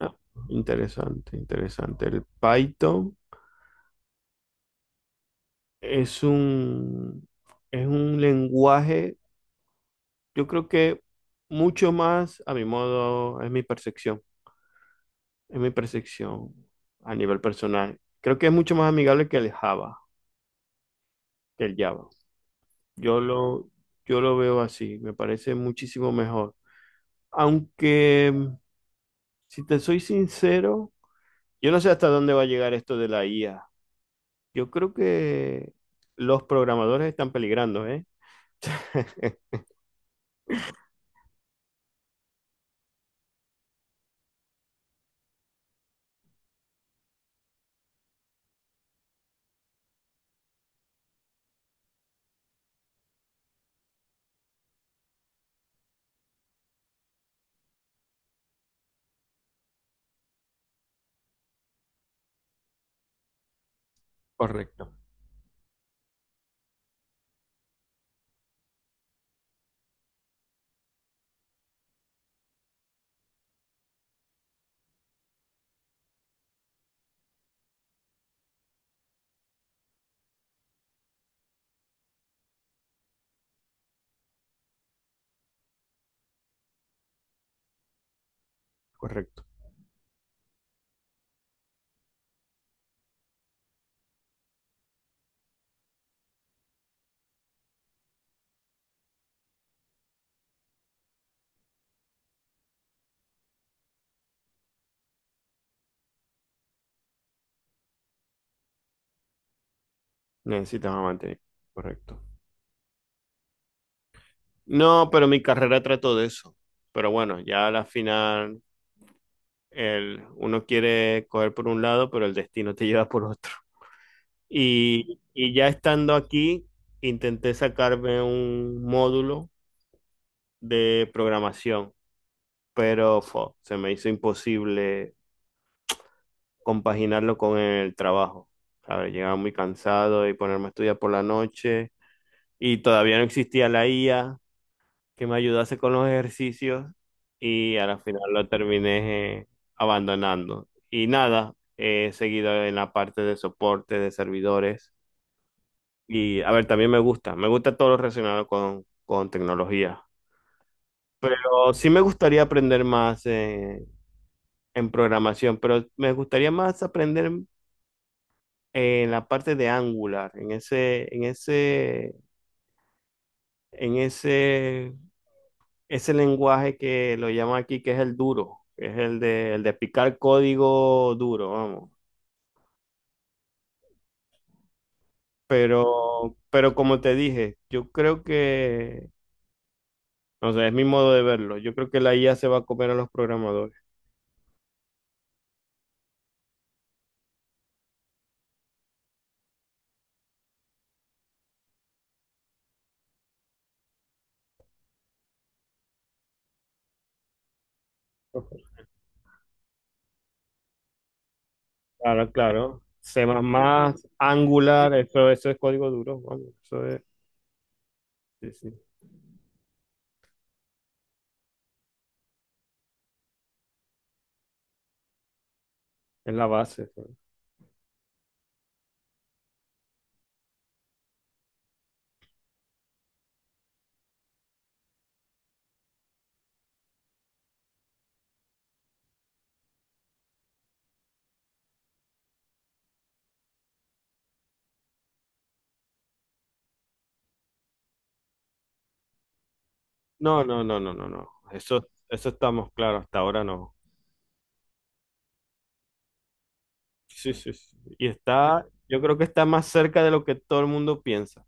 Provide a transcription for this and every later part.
Ah, interesante, interesante. El Python es un, es un lenguaje, yo creo que mucho más, a mi modo, es mi percepción a nivel personal. Creo que es mucho más amigable que el Java, que el Java. Yo lo, yo lo veo así, me parece muchísimo mejor. Aunque, si te soy sincero, yo no sé hasta dónde va a llegar esto de la IA. Yo creo que los programadores están peligrando, ¿eh? Correcto, correcto. Necesitas mantener. Correcto. No, pero mi carrera trató de eso. Pero bueno, ya a la final uno quiere coger por un lado, pero el destino te lleva por otro. Y ya estando aquí, intenté sacarme un módulo de programación, pero se me hizo imposible compaginarlo con el trabajo. ¿Sabes? Llegaba muy cansado y ponerme a estudiar por la noche. Y todavía no existía la IA, que me ayudase con los ejercicios y al final lo terminé abandonando. Y nada, he seguido en la parte de soporte de servidores. Y a ver, también me gusta todo lo relacionado con tecnología. Pero sí me gustaría aprender más en programación, pero me gustaría más aprender en la parte de Angular, en ese lenguaje que lo llaman aquí, que es el duro, que es el de picar código duro, vamos. Pero como te dije, yo creo que, no sé, es mi modo de verlo. Yo creo que la IA se va a comer a los programadores. Claro, claro. C++, Angular, eso es código duro, vamos, eso es, sí, sí, es la base. Eso. No, no, no, no, no, no. Eso estamos claros, hasta ahora no. Sí, sí, sí. Yo creo que está más cerca de lo que todo el mundo piensa.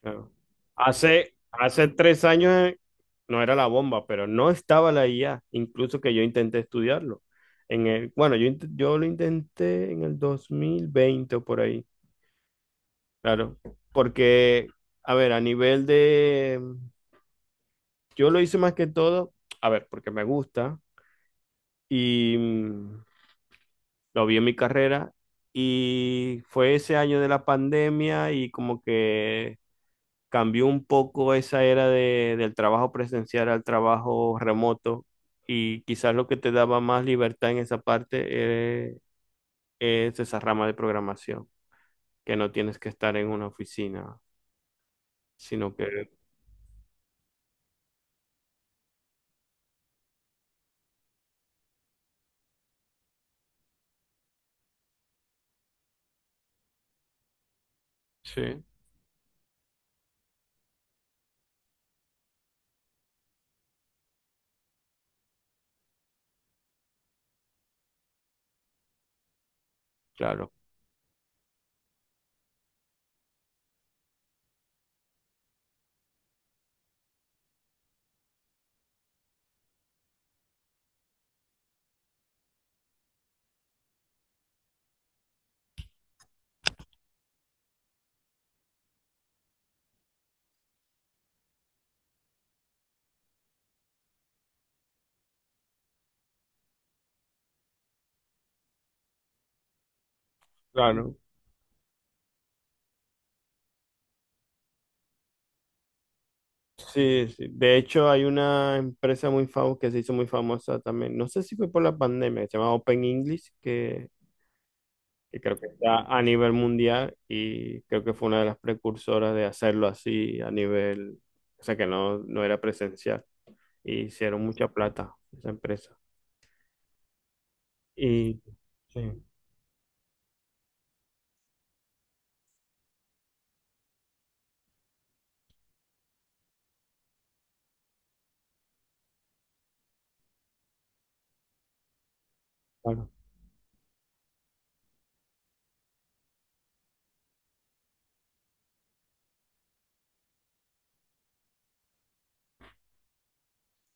Claro. Hace 3 años no era la bomba, pero no estaba la IA, incluso que yo intenté estudiarlo. Bueno, yo lo intenté en el 2020 o por ahí, claro, porque, a ver, a nivel de, yo lo hice más que todo, a ver, porque me gusta y lo vi en mi carrera y fue ese año de la pandemia y como que cambió un poco esa era del trabajo presencial al trabajo remoto y quizás lo que te daba más libertad en esa parte es esa rama de programación, que no tienes que estar en una oficina, sino que... Sí, claro, claro. Sí, sí. De hecho, hay una empresa muy famosa que se hizo muy famosa también. No sé si fue por la pandemia, se llama Open English, que creo que está a nivel mundial y creo que fue una de las precursoras de hacerlo así a nivel, o sea que no, no era presencial. Y hicieron mucha plata esa empresa. Y sí. Claro.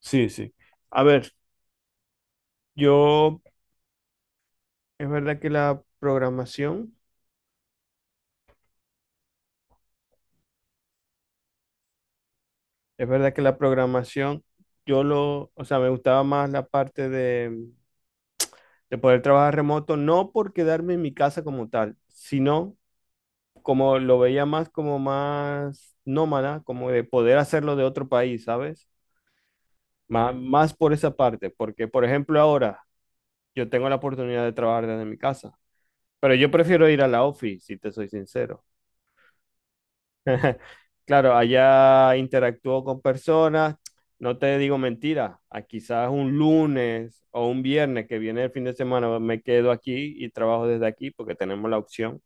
Sí, sí. A ver, yo, es verdad que la programación, es verdad que la programación, o sea, me gustaba más la parte de poder trabajar remoto, no por quedarme en mi casa como tal, sino como lo veía más como más nómada, como de poder hacerlo de otro país, ¿sabes? Más por esa parte, porque por ejemplo ahora yo tengo la oportunidad de trabajar desde mi casa, pero yo prefiero ir a la office, si te soy sincero. Claro, allá interactúo con personas, no te digo mentira, a quizás un lunes o un viernes que viene el fin de semana me quedo aquí y trabajo desde aquí porque tenemos la opción.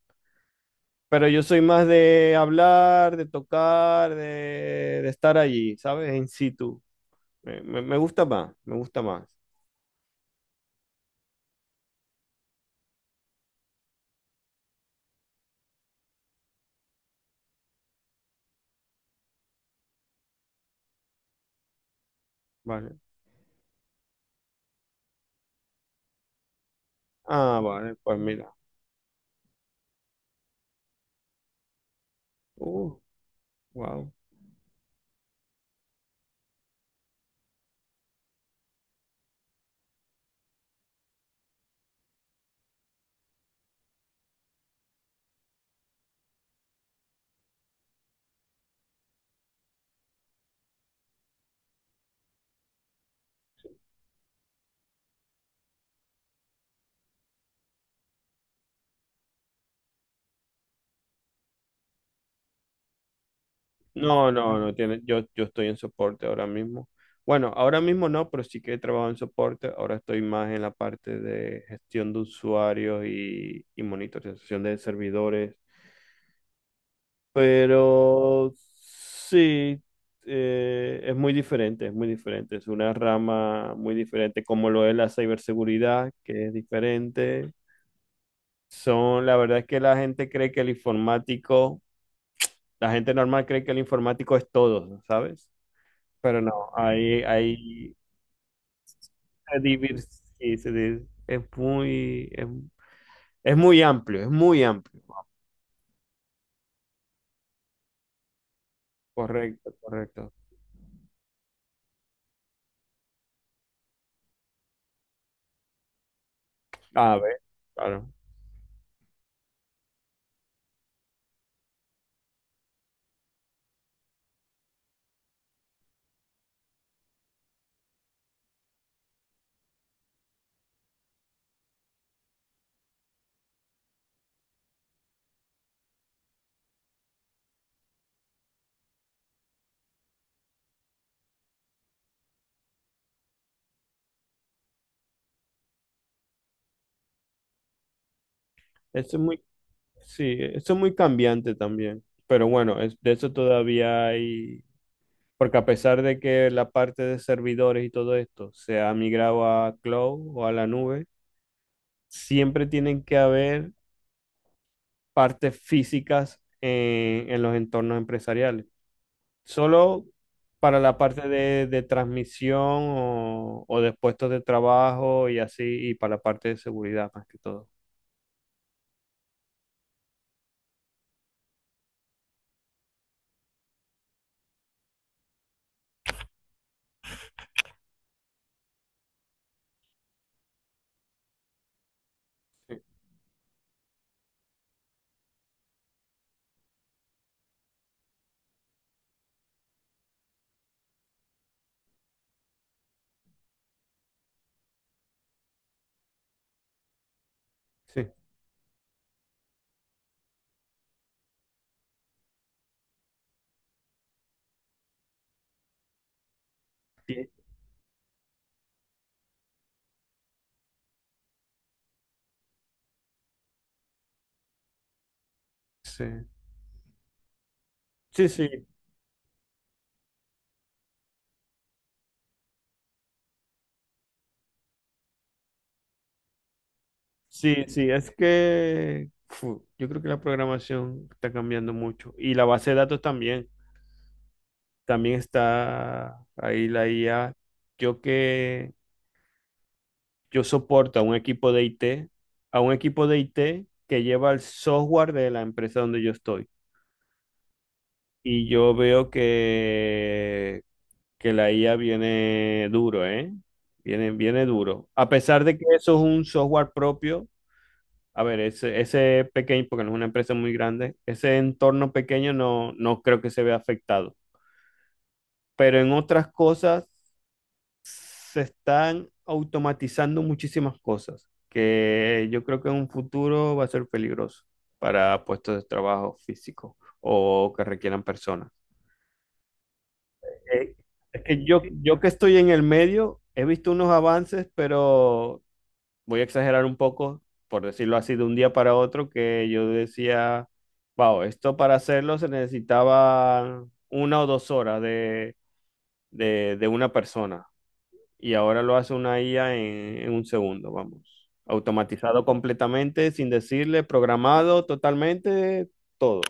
Pero yo soy más de hablar, de tocar, de estar allí, ¿sabes? En situ. Me gusta más, me gusta más. Vale. Ah, vale, pues mira. Uh, wow. No, no, no tiene. Yo estoy en soporte ahora mismo. Bueno, ahora mismo no, pero sí que he trabajado en soporte. Ahora estoy más en la parte de gestión de usuarios y monitorización de servidores. Pero sí, es muy diferente, es muy diferente. Es una rama muy diferente, como lo es la ciberseguridad, que es diferente. Son, la verdad es que la gente cree que el informático, la gente normal cree que el informático es todo, ¿sabes? Pero no, hay, se divir- sí, es muy, es muy amplio, es muy amplio. Correcto, correcto. A ver, claro. Eso es muy Sí, eso es muy cambiante también, pero bueno, de eso todavía hay, porque a pesar de que la parte de servidores y todo esto se ha migrado a cloud o a la nube, siempre tienen que haber partes físicas en los entornos empresariales. Solo para la parte de transmisión o de puestos de trabajo y así, y para la parte de seguridad más que todo. Sí, sí, sí. Sí, sí. Sí, sí, es que yo creo que la programación está cambiando mucho y la base de datos también, también está ahí la IA. Yo que yo soporto a un equipo de IT, a un equipo de IT que lleva el software de la empresa donde yo estoy y yo veo que la IA viene duro, ¿eh? Viene duro. A pesar de que eso es un software propio. A ver, ese pequeño, porque no es una empresa muy grande, ese entorno pequeño no creo que se vea afectado. Pero en otras cosas se están automatizando muchísimas cosas que yo creo que en un futuro va a ser peligroso para puestos de trabajo físicos o que requieran personas. Eh, es que yo que estoy en el medio, he visto unos avances, pero voy a exagerar un poco, por decirlo así, de un día para otro, que yo decía, wow, esto para hacerlo se necesitaba 1 o 2 horas de una persona. Y ahora lo hace una IA en 1 segundo, vamos. Automatizado completamente, sin decirle, programado totalmente, todo.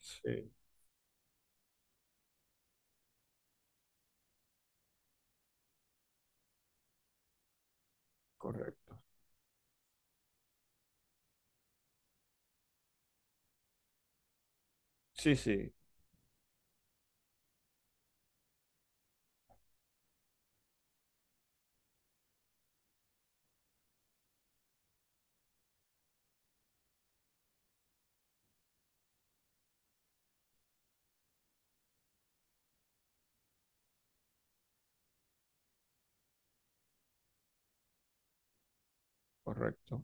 Sí, correcto. Sí, sí, correcto.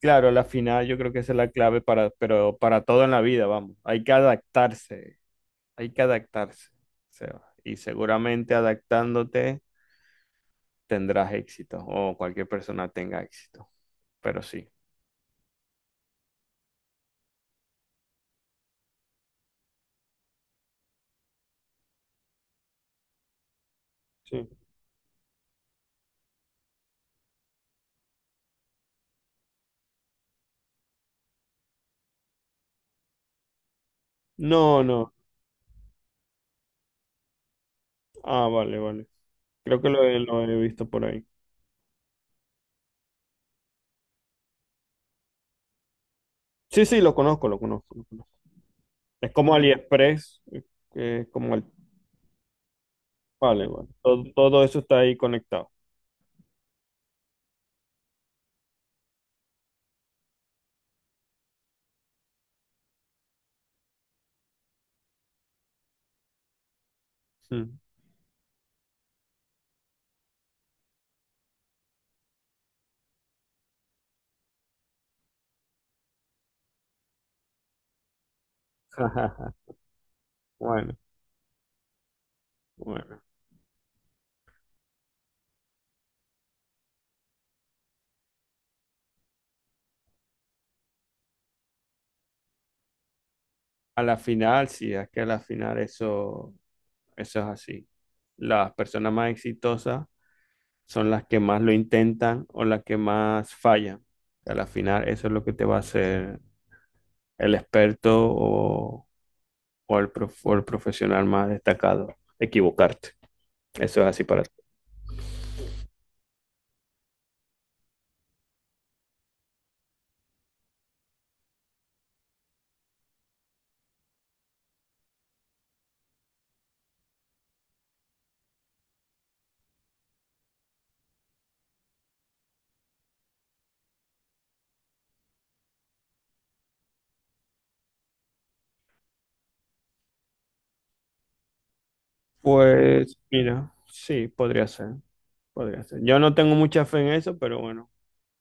Claro, la final yo creo que esa es la clave para, pero para todo en la vida, vamos. Hay que adaptarse. Hay que adaptarse, Seba, y seguramente adaptándote tendrás éxito o cualquier persona tenga éxito, pero sí. Sí. No, no. Ah, vale, vale. Creo que lo he visto por ahí. Sí, sí, lo conozco, lo conozco, lo conozco. Es como AliExpress, que es como el... Vale, vale. Todo eso está ahí conectado. Mm. Bueno, bueno. A la final, sí, es que a la final eso es así. Las personas más exitosas son las que más lo intentan o las que más fallan. A la final, eso es lo que te va a hacer el experto o o el profesional más destacado, equivocarte. Eso es así para ti. Pues mira, sí, podría ser, podría ser. Yo no tengo mucha fe en eso, pero bueno,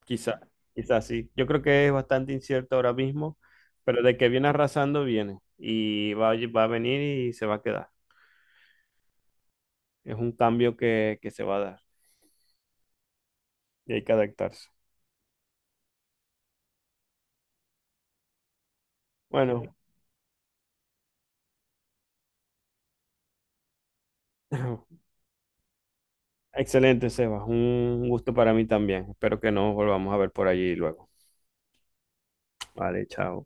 quizá, quizá sí. Yo creo que es bastante incierto ahora mismo, pero de que viene arrasando, viene. Va a venir y se va a quedar. Es un cambio que se va a dar y hay que adaptarse. Bueno, Excelente, Sebas. Un gusto para mí también. Espero que nos volvamos a ver por allí luego. Vale, chao.